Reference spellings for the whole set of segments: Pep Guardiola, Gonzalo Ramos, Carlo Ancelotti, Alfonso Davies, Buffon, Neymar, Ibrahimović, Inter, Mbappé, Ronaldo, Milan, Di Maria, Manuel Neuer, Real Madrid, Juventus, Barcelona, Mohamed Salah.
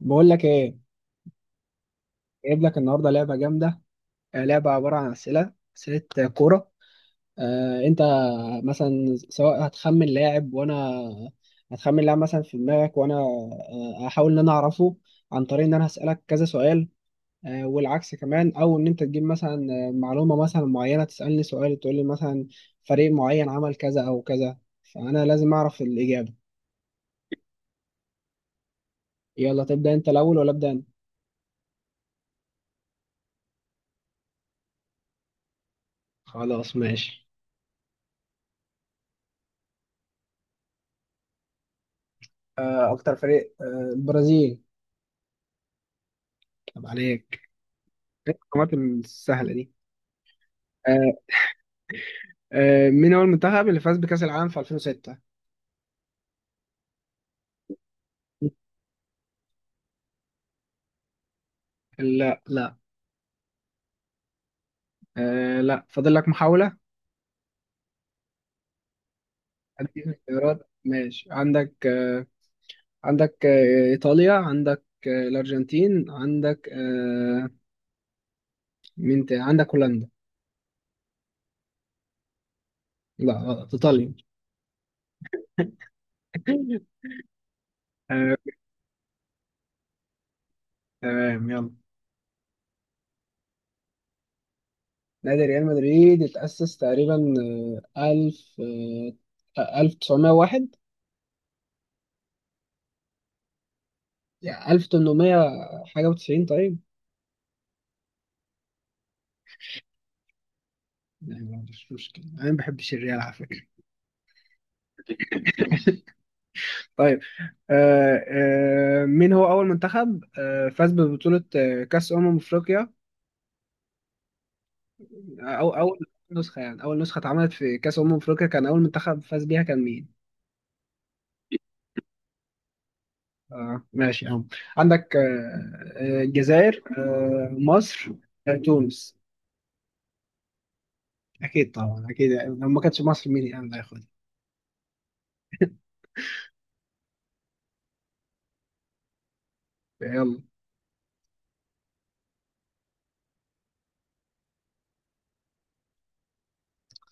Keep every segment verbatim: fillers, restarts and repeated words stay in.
بقول لك ايه. جايب لك النهارده لعبه جامده. آه، لعبه عباره عن اسئله اسئله كوره. آه، انت مثلا سواء هتخمن لاعب وانا هتخمن لاعب مثلا في دماغك، وانا آه، هحاول ان انا اعرفه عن طريق ان انا هسالك كذا سؤال. آه، والعكس كمان، او ان انت تجيب مثلا آه، معلومه مثلا معينه، تسالني سؤال تقول لي مثلا فريق معين عمل كذا او كذا، فانا لازم اعرف الاجابه. يلا تبدا انت الاول ولا ابدا انا؟ خلاص ماشي. آه، اكتر فريق، آه، البرازيل. طب عليك. الحكومات السهله دي. آه. آه مين هو المنتخب اللي فاز بكاس العالم في ألفين و ستة؟ لا لا. آه لا، فاضل لك محاوله. اديك اختيارات ماشي. عندك آه، عندك آه ايطاليا، عندك آه الارجنتين، عندك آه، مين تاني؟ عندك هولندا. لا غلط، ايطاليا. آه، تمام يلا. نادي ريال مدريد اتأسس تقريبا آه، ألف، آه، ألف تسعمية واحد. يعني ألف تمنمية حاجة وتسعين، طيب؟ يعني ما عنديش مشكلة، أنا ما بحبش الريال على فكرة. طيب. آه آه مين هو أول منتخب آه فاز ببطولة آه كأس أمم أفريقيا؟ أو أول نسخة، يعني أول نسخة اتعملت في كأس أمم أفريقيا كان أول منتخب فاز بيها كان مين؟ آه ماشي يا عم. عندك آه، آه، الجزائر، آه مصر، آه تونس. أكيد طبعا أكيد، يعني لو ما كانتش مصر مين يعني اللي هياخدها؟ يلا.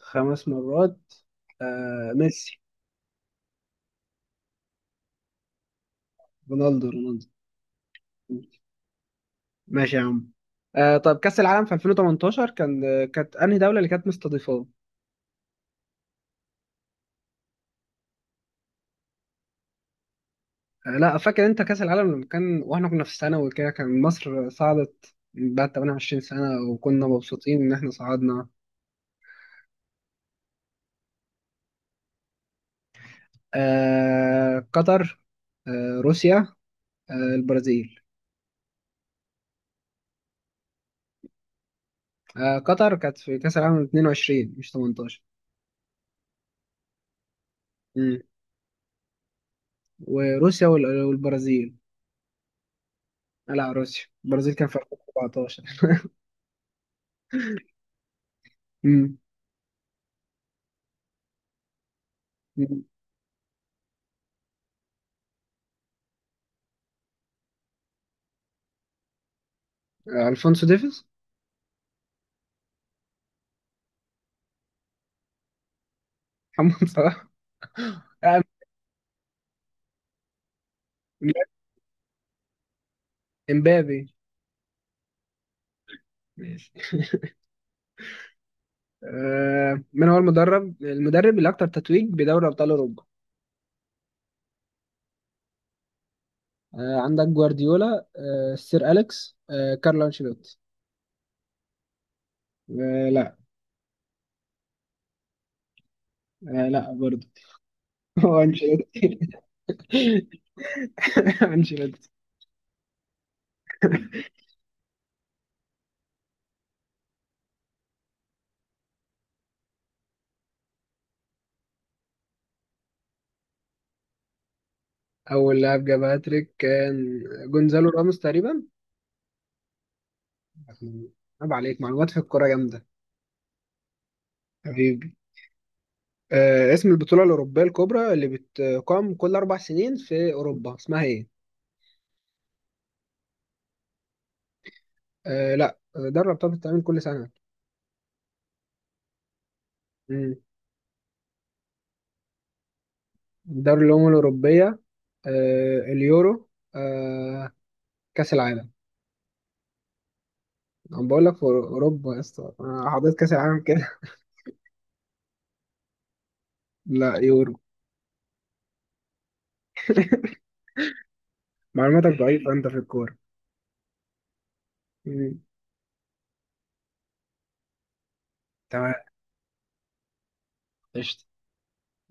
خمس مرات. آه ميسي. رونالدو رونالدو ماشي يا عم. آه، طب كأس العالم في ألفين وتمنتاشر كان كانت انهي دولة اللي كانت مستضيفاه؟ آه لا، فاكر انت كأس العالم لما كان، واحنا كنا في الثانوي كده، كان مصر صعدت بعد ثمانية وعشرين سنة، وكنا مبسوطين ان احنا صعدنا. آه قطر، آه روسيا، آه البرازيل. آه قطر كانت في كأس العالم اتنين وعشرين مش تمنتاشر. امم وروسيا وال- والبرازيل. آه لا، روسيا. البرازيل كان في ألفين واربعتاشر. امم. أمم. آه، الفونسو ديفيز. محمد صلاح. آه، امبابي. ماشي. آه، من هو المدرب المدرب اللي اكتر تتويج بدوري ابطال اوروبا؟ آه عندك جوارديولا، آه سير اليكس، آه كارلو انشيلوتي. آه لا. آه لا برضه. هو انشيلوتي. انشيلوتي. اول لاعب جاب هاتريك كان جونزالو راموس تقريبا. عيب عليك، معلومات في الكوره جامده. حبيبي. آه، اسم البطوله الاوروبيه الكبرى اللي بتقام كل اربع سنين في اوروبا اسمها ايه؟ آه لا، دوري الابطال بتتعمل كل سنه. دوري الأمم الأوروبية، آه، اليورو، آه، كأس العالم. أنا بقول لك في أورو- أوروبا يا اسطى، أنا حضرت كأس العالم كده. لا يورو. معلوماتك ضعيفة أنت في الكورة. مم. تمام. قشطة.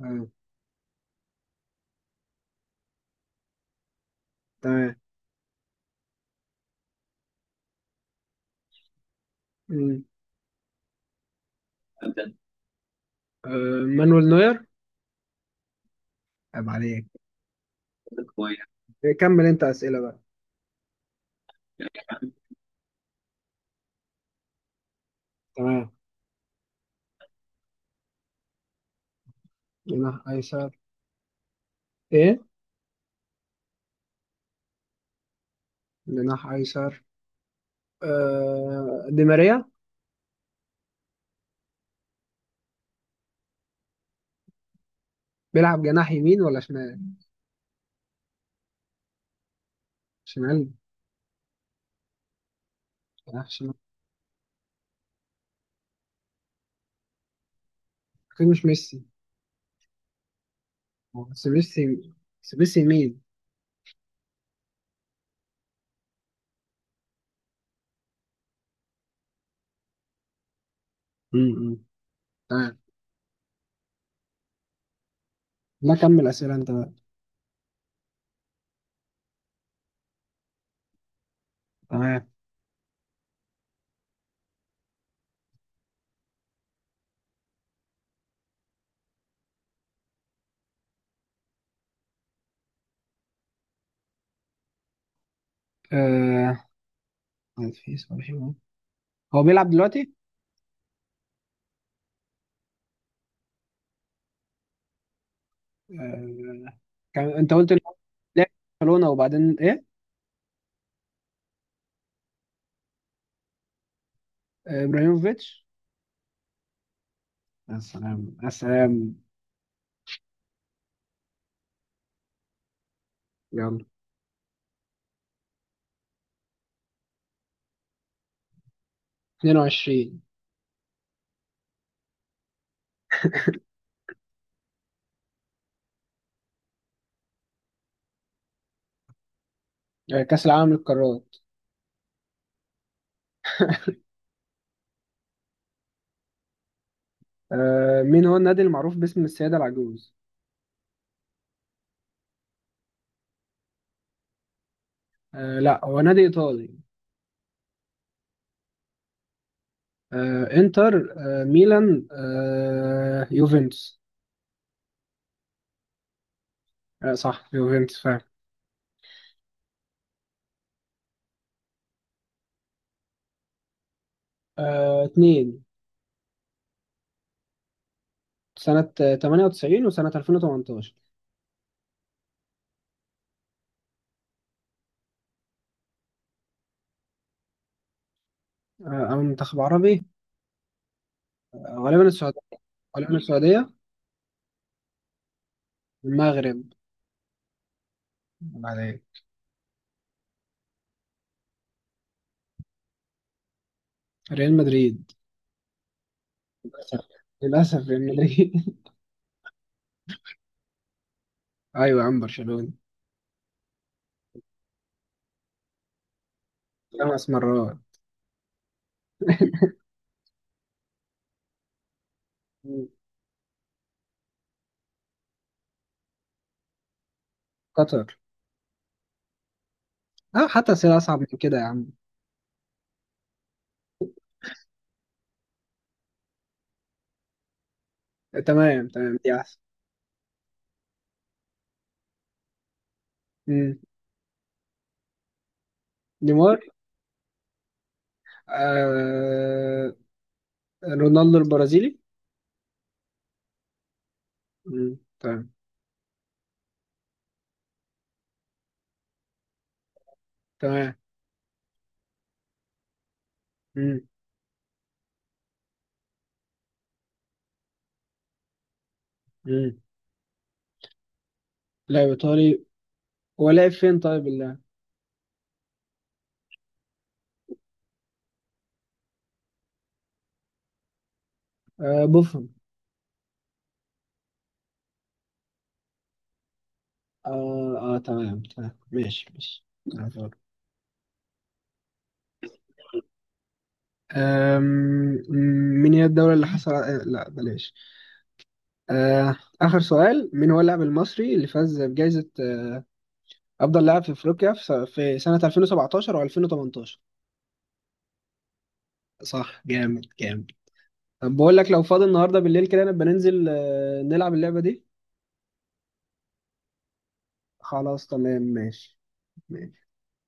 آه، تمام. مم. آه، مانويل نوير. عيب عليك. إيه، كمل أنت أسئلة بقى. تمام. جناح أيسر. إيه؟ جناح أيسر. آه، دي ماريا. بيلعب جناح يمين ولا شمال؟ شمال. جناح شمال. أكيد مش ميسي. بس ميسي. بس ميسي. يمين. تمام. لا كمل أسئلة أنت بقى. تمام. آه، في سؤال حلو. هو بيلعب دلوقتي؟ آه... كان... أنت قلت إن هو لعب في برشلونة، وبعدين إيه؟ آه، إبراهيموفيتش. يا سلام يا سلام. يلا. اتنين وعشرين. آه، كأس العالم للقارات. آه، مين هو النادي المعروف باسم السيدة العجوز؟ آه، لا هو نادي إيطالي. آه، إنتر، آه ميلان، آه يوفنتوس. آه، صح يوفنتوس فعلا. آه، اتنين. سنة ثمانية وتسعين وسنة ألفين وتمنتاشر. آه، أو منتخب عربي. آه، غالبا السعودية. غالبا السعودية. المغرب. بعدين. ريال مدريد. للأسف. للأسف ريال مدريد. أيوة يا عم برشلونة. خمس مرات. مم. قطر. أه، حتى أسئلة أصعب من كده يا عم. تمام تمام، دي أحسن. مم. نيمار. آه، رونالدو البرازيلي. مم. تمام تمام. مم. مم. لاعب إيطالي. هو لاعب فين طيب اللاعب؟ آه بوفون. آه، آه تمام تمام، ماشي ماشي. أم، من هي الدولة اللي حصل آه، لا بلاش. أه، آخر سؤال: مين هو اللاعب المصري اللي فاز بجائزة أه، أفضل لاعب في أفريقيا في س- في سنة ألفين وسبعتاشر و2018؟ صح جامد جامد. طب بقول لك لو فاضي النهاردة بالليل كده، نبقى ننزل أه، نلعب اللعبة دي. خلاص تمام ماشي. ماشي.